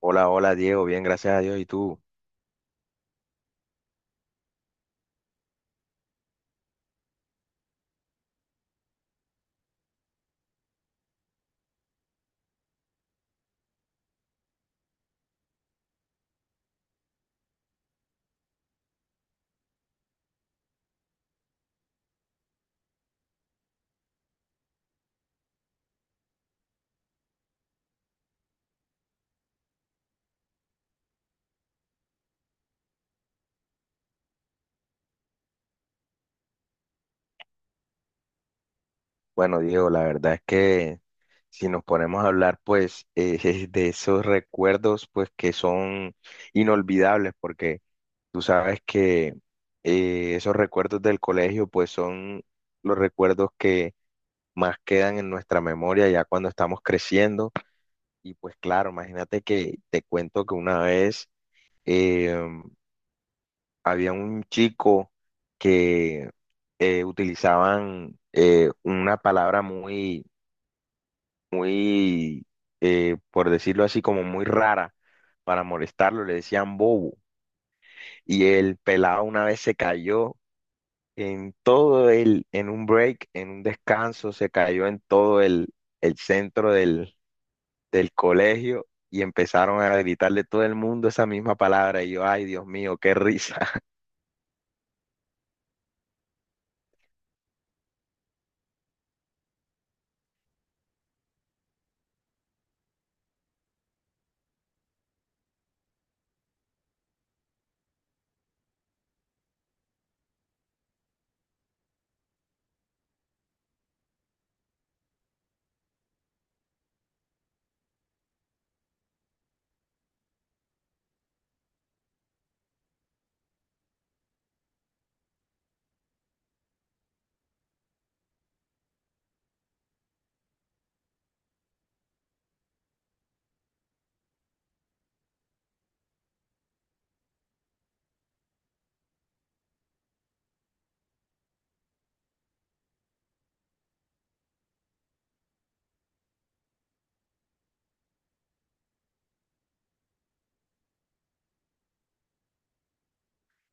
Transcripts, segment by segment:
Hola, hola Diego, bien, gracias a Dios. ¿Y tú? Bueno, Diego, la verdad es que si nos ponemos a hablar, pues, de esos recuerdos, pues, que son inolvidables, porque tú sabes que esos recuerdos del colegio, pues, son los recuerdos que más quedan en nuestra memoria ya cuando estamos creciendo. Y pues, claro, imagínate que te cuento que una vez, em, había un chico que utilizaban una palabra muy, muy, por decirlo así, como muy rara para molestarlo, le decían bobo. Y el pelado una vez se cayó en un break, en un descanso, se cayó en todo el centro del colegio. Y empezaron a gritarle todo el mundo esa misma palabra. Y yo, ay, Dios mío, qué risa.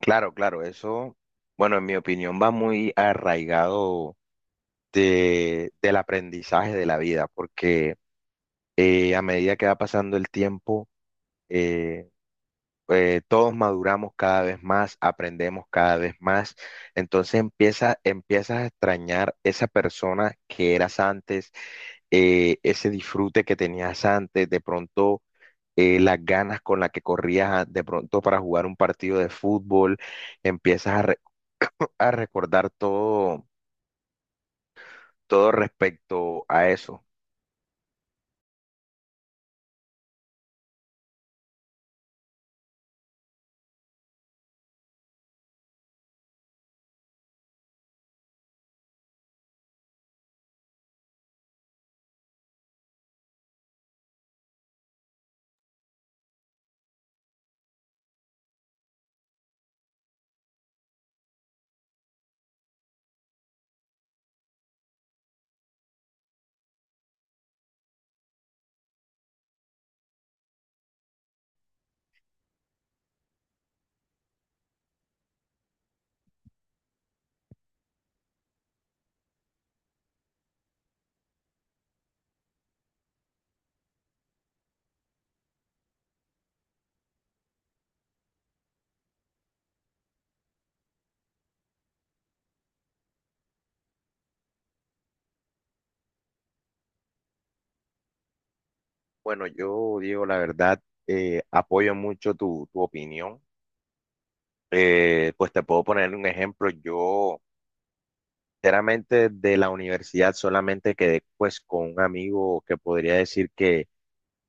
Claro, claro, eso, bueno, en mi opinión va muy arraigado del aprendizaje de la vida, porque a medida que va pasando el tiempo, eh, todos maduramos cada vez más, aprendemos cada vez más, entonces empiezas a extrañar esa persona que eras antes, ese disfrute que tenías antes, de pronto las ganas con las que corrías de pronto para jugar un partido de fútbol empiezas a recordar todo, todo respecto a eso. Bueno, yo digo la verdad, apoyo mucho tu opinión. Pues te puedo poner un ejemplo. Yo, sinceramente, de la universidad solamente quedé pues con un amigo que podría decir que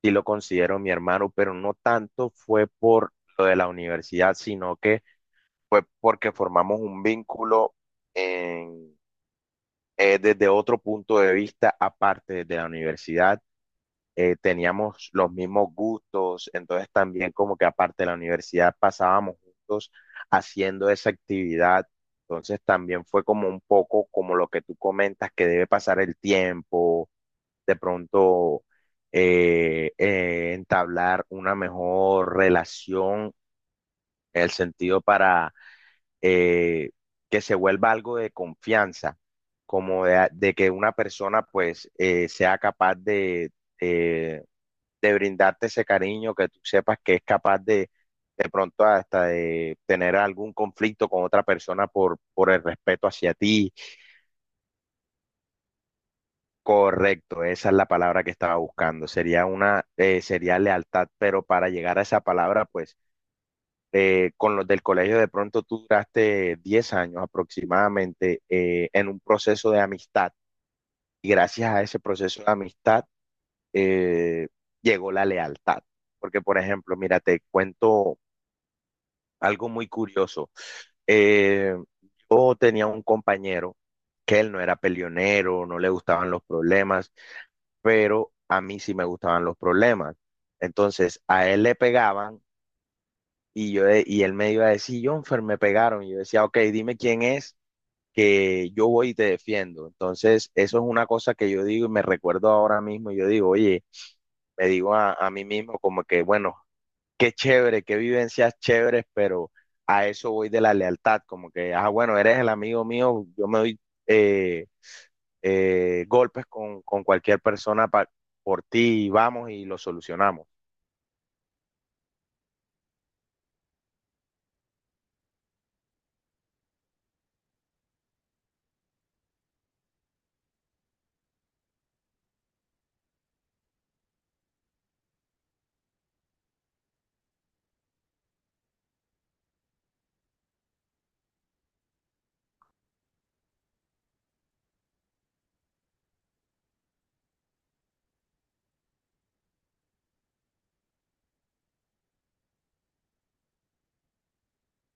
sí lo considero mi hermano, pero no tanto fue por lo de la universidad, sino que fue porque formamos un vínculo en, desde otro punto de vista aparte de la universidad teníamos los mismos gustos, entonces también como que aparte de la universidad pasábamos juntos haciendo esa actividad, entonces también fue como un poco como lo que tú comentas, que debe pasar el tiempo, de pronto entablar una mejor relación, el sentido para eh, que se vuelva algo de confianza, como de que una persona pues sea capaz eh, de brindarte ese cariño, que tú sepas que es capaz de pronto hasta de tener algún conflicto con otra persona por el respeto hacia ti. Correcto, esa es la palabra que estaba buscando. Sería lealtad, pero para llegar a esa palabra, pues con los del colegio de pronto tú duraste 10 años aproximadamente en un proceso de amistad y gracias a ese proceso de amistad eh, llegó la lealtad. Porque, por ejemplo, mira, te cuento algo muy curioso. Eh, yo tenía un compañero que él no era peleonero, no le gustaban los problemas, pero a mí sí me gustaban los problemas. Entonces, a él le pegaban y y él me iba a decir, Jonfer, me pegaron. Y yo decía, ok, dime quién es, que yo voy y te defiendo. Entonces, eso es una cosa que yo digo y me recuerdo ahora mismo. Yo digo, oye, me digo a mí mismo como que, bueno, qué chévere, qué vivencias chéveres, pero a eso voy de la lealtad, como que, ah, bueno, eres el amigo mío, yo me doy eh, golpes con cualquier persona por ti, y vamos y lo solucionamos.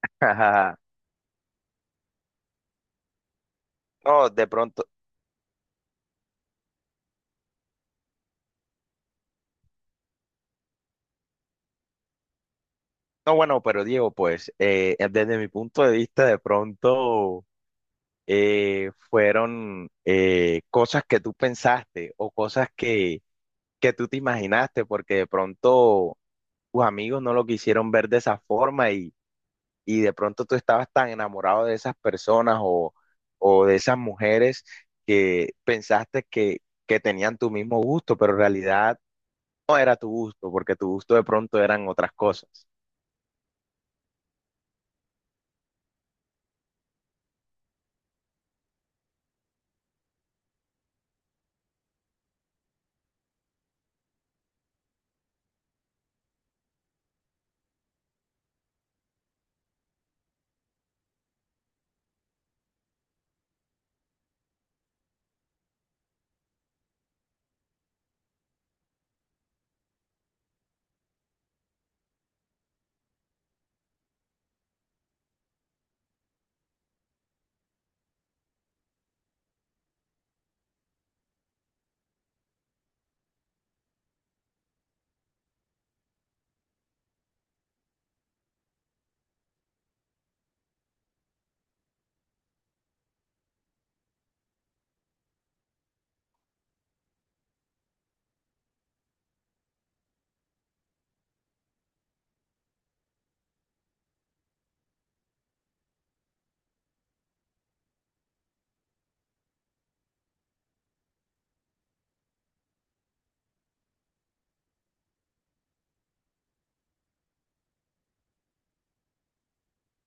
No, de pronto, no, bueno, pero Diego, pues desde mi punto de vista, de pronto fueron cosas que tú pensaste o cosas que tú te imaginaste, porque de pronto tus amigos no lo quisieron ver de esa forma y de pronto tú estabas tan enamorado de esas personas o de esas mujeres que pensaste que tenían tu mismo gusto, pero en realidad no era tu gusto, porque tu gusto de pronto eran otras cosas.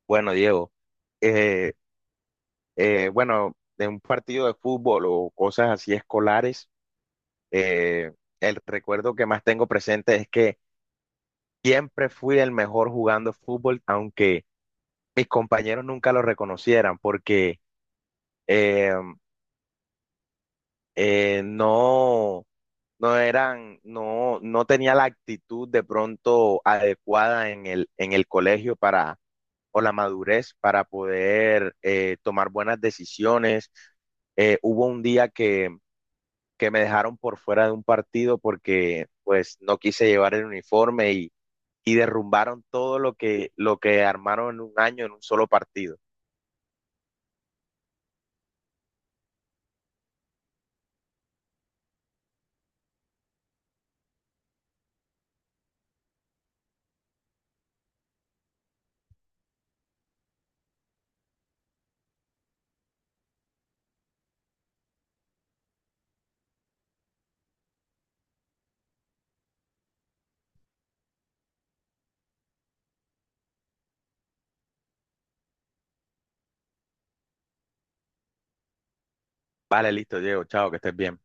Bueno, Diego, eh, bueno, de un partido de fútbol o cosas así escolares, eh, el recuerdo que más tengo presente es que siempre fui el mejor jugando fútbol, aunque mis compañeros nunca lo reconocieran, porque... em, no, no eran, no, no, tenía la actitud de pronto adecuada en el colegio o la madurez para poder tomar buenas decisiones. Hubo un día que me dejaron por fuera de un partido porque pues no quise llevar el uniforme y derrumbaron todo lo que armaron en un año en un solo partido. Vale, listo, Diego, chao, que estés bien.